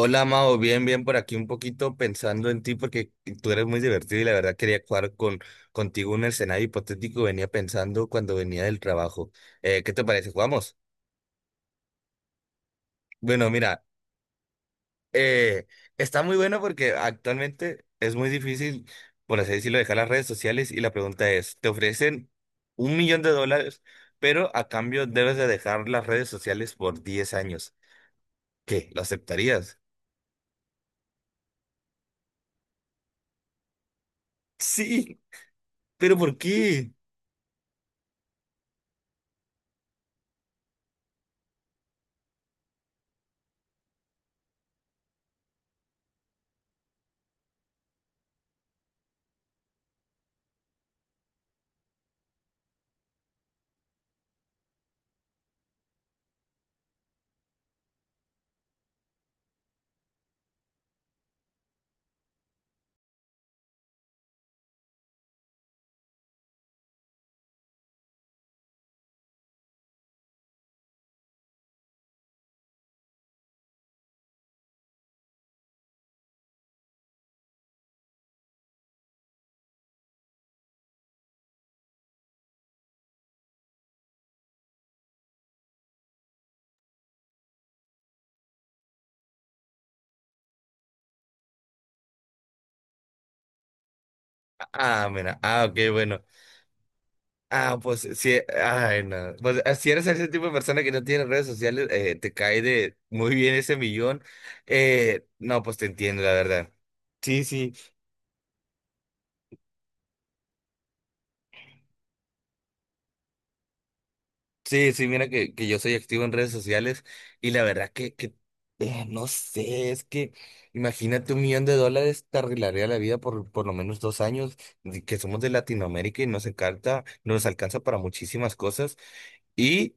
Hola, Mao, bien, bien por aquí un poquito pensando en ti porque tú eres muy divertido y la verdad quería jugar contigo un escenario hipotético que venía pensando cuando venía del trabajo. ¿Qué te parece? ¿Jugamos? Bueno, mira, eh, está muy bueno porque actualmente es muy difícil, por así decirlo, dejar las redes sociales y la pregunta es, ¿te ofrecen un millón de dólares, pero a cambio debes de dejar las redes sociales por 10 años? ¿Qué? ¿Lo aceptarías? Sí, pero ¿por qué? Ah, mira, ah, ok, bueno. Ah, pues sí, ay, no. Pues ah, si eres ese tipo de persona que no tiene redes sociales, te cae de muy bien ese millón. No, pues te entiendo, la verdad. Sí, sí, sí, sí, mira que yo soy activo en redes sociales y la verdad que, no sé, es que imagínate un millón de dólares te arreglaría la vida por lo menos 2 años, de que somos de Latinoamérica y nos encanta, nos alcanza para muchísimas cosas. y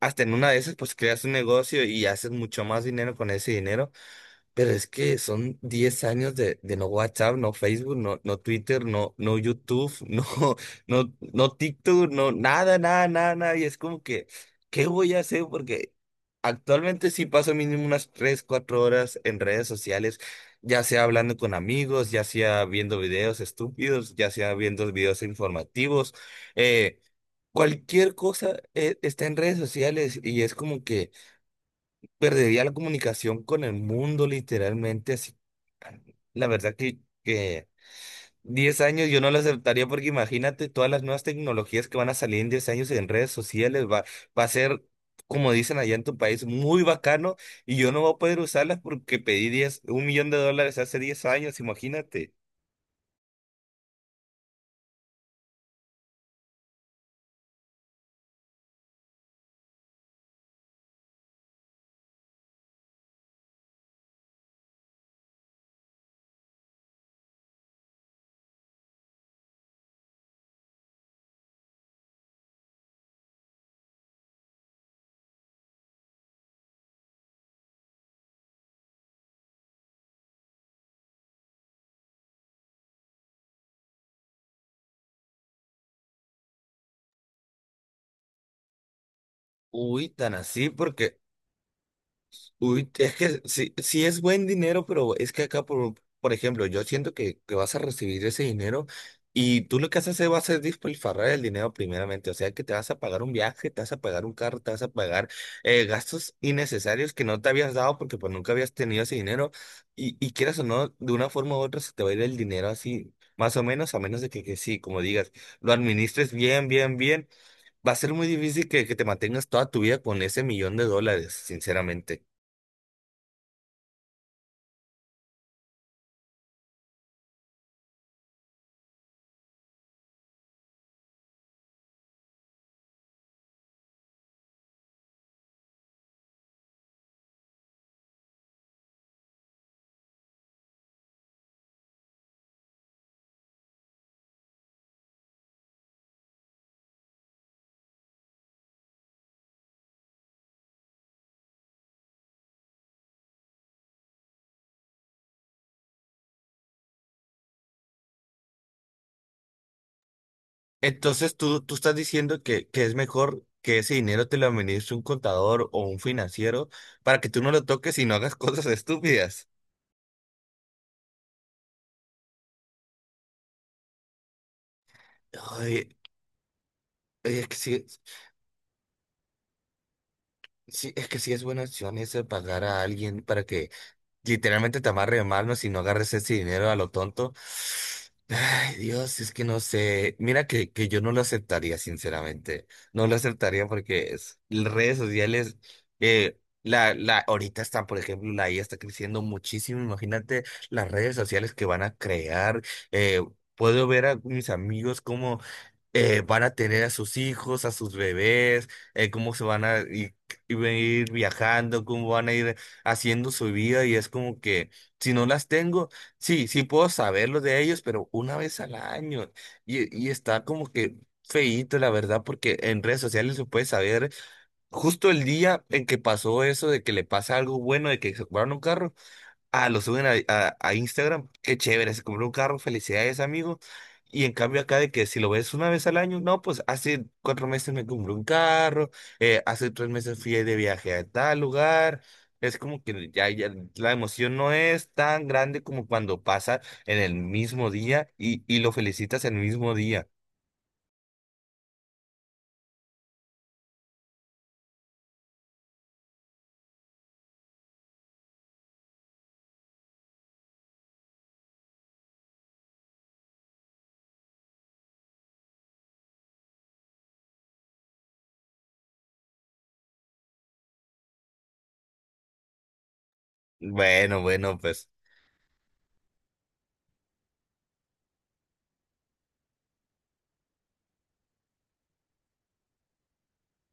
Hasta en una de esas, pues creas un negocio y haces mucho más dinero con ese dinero, pero es que son 10 años de no WhatsApp, no Facebook, no Twitter, no YouTube, no TikTok, no nada, nada, nada, nada. Y es como que, ¿qué voy a hacer? Porque actualmente sí paso mínimo unas 3 4 horas en redes sociales, ya sea hablando con amigos, ya sea viendo videos estúpidos, ya sea viendo videos informativos. Eh, Cualquier cosa está en redes sociales y es como que perdería la comunicación con el mundo literalmente. Así, la verdad que 10 años yo no lo aceptaría porque imagínate todas las nuevas tecnologías que van a salir en 10 años en redes sociales. Va a ser, como dicen allá en tu país, muy bacano y yo no voy a poder usarlas porque pedí 10, un millón de dólares hace 10 años, imagínate. Uy, tan así, porque. Uy, es que sí, sí es buen dinero, pero es que acá, por ejemplo, yo siento que vas a recibir ese dinero y tú lo que vas a hacer va a ser despilfarrar el dinero primeramente. O sea, que te vas a pagar un viaje, te vas a pagar un carro, te vas a pagar gastos innecesarios que no te habías dado porque pues nunca habías tenido ese dinero. Y quieras o no, de una forma u otra se te va a ir el dinero así, más o menos, a menos de que sí, como digas, lo administres bien, bien, bien. Va a ser muy difícil que te mantengas toda tu vida con ese millón de dólares, sinceramente. Entonces tú estás diciendo que es mejor que ese dinero te lo administre un contador o un financiero para que tú no lo toques y no hagas cosas estúpidas. Ay, ay, es que sí, sí, es que sí es buena opción ese pagar a alguien para que literalmente te amarre de manos y no agarres ese dinero a lo tonto. Ay, Dios, es que no sé. Mira que yo no lo aceptaría, sinceramente. No lo aceptaría porque las redes sociales, ahorita está, por ejemplo, la IA está creciendo muchísimo. Imagínate las redes sociales que van a crear. Eh, puedo ver a mis amigos como van a tener a sus hijos, a sus bebés, cómo se van a ir, ir viajando, cómo van a ir haciendo su vida y es como que si no las tengo, sí, sí puedo saberlo de ellos, pero una vez al año y está como que feíto, la verdad, porque en redes sociales se puede saber justo el día en que pasó eso, de que le pasa algo bueno, de que se compraron un carro. Ah, lo suben a Instagram. Qué chévere, se compró un carro, felicidades, amigo. Y en cambio acá de que si lo ves una vez al año, no, pues hace 4 meses me compré un carro, hace 3 meses fui de viaje a tal lugar. Es como que ya la emoción no es tan grande como cuando pasa en el mismo día y lo felicitas el mismo día. Bueno, bueno, pues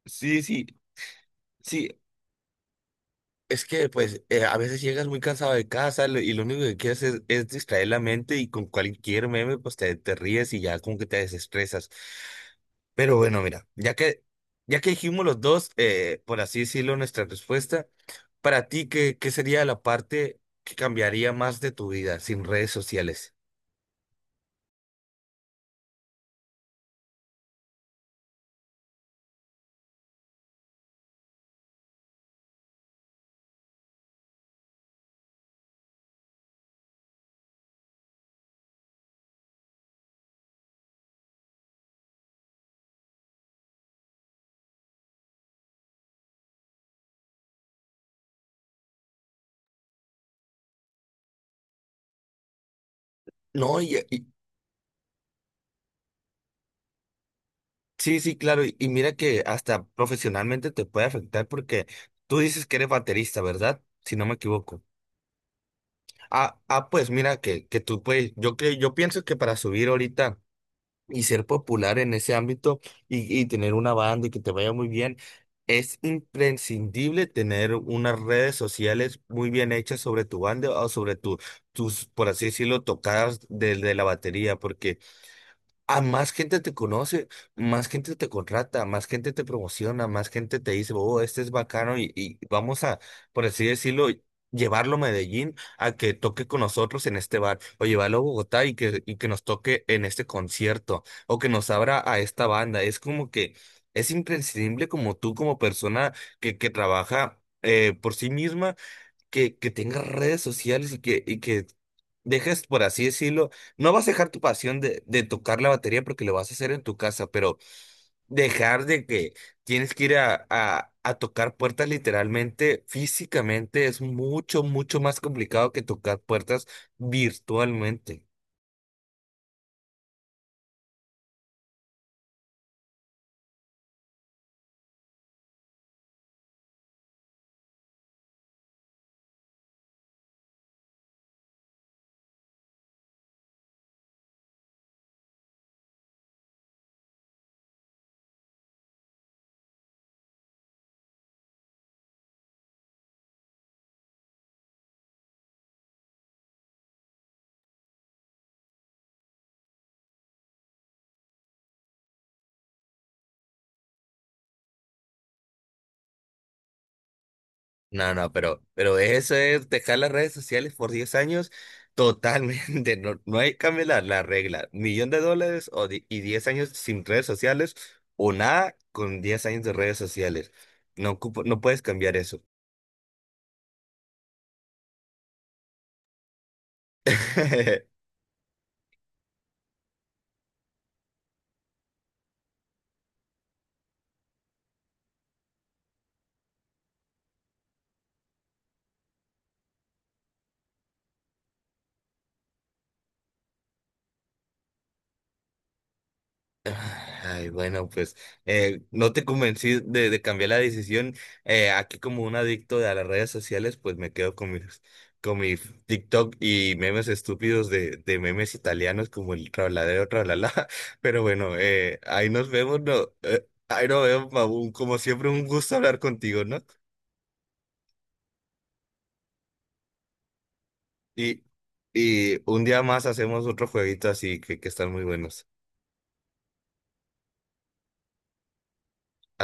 sí, sí, sí. Es que pues a veces llegas muy cansado de casa lo- y lo único que quieres es distraer la mente y con cualquier meme pues te ríes y ya como que te desestresas. Pero bueno, mira, ya que dijimos los dos, por así decirlo, nuestra respuesta, para ti, ¿qué sería la parte que cambiaría más de tu vida sin redes sociales? No, sí, sí, claro, y mira que hasta profesionalmente te puede afectar porque tú dices que eres baterista, ¿verdad? Si no me equivoco. Ah, ah, pues mira que tú puedes, yo creo, yo pienso que para subir ahorita y ser popular en ese ámbito y tener una banda y que te vaya muy bien, es imprescindible tener unas redes sociales muy bien hechas sobre tu banda o sobre tus, por así decirlo, tocadas de la batería, porque a más gente te conoce, más gente te contrata, más gente te promociona, más gente te dice, oh, este es bacano y vamos a, por así decirlo, llevarlo a Medellín a que toque con nosotros en este bar, o llevarlo a Bogotá y, que, y que nos toque en este concierto, o que nos abra a esta banda. Es como que es imprescindible como tú, como persona que trabaja por sí misma que tengas redes sociales y que dejes, por así decirlo, no vas a dejar tu pasión de tocar la batería porque lo vas a hacer en tu casa, pero dejar de que tienes que ir a tocar puertas literalmente, físicamente, es mucho, mucho más complicado que tocar puertas virtualmente. No, no, pero eso es dejar las redes sociales por 10 años totalmente. No, no hay que cambiar la regla. Millón de dólares o y 10 años sin redes sociales o nada con 10 años de redes sociales. No, ocupo- no puedes cambiar eso. Ay, bueno, pues no te convencí de cambiar la decisión. Aquí como un adicto a las redes sociales, pues me quedo con mis, con mi TikTok y memes estúpidos de memes italianos como el trabladero, trablala. Pero bueno, ahí nos vemos, no, ahí nos vemos, Mabun. Como siempre, un gusto hablar contigo, ¿no? Y, y un día más hacemos otro jueguito así que están muy buenos.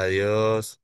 Adiós.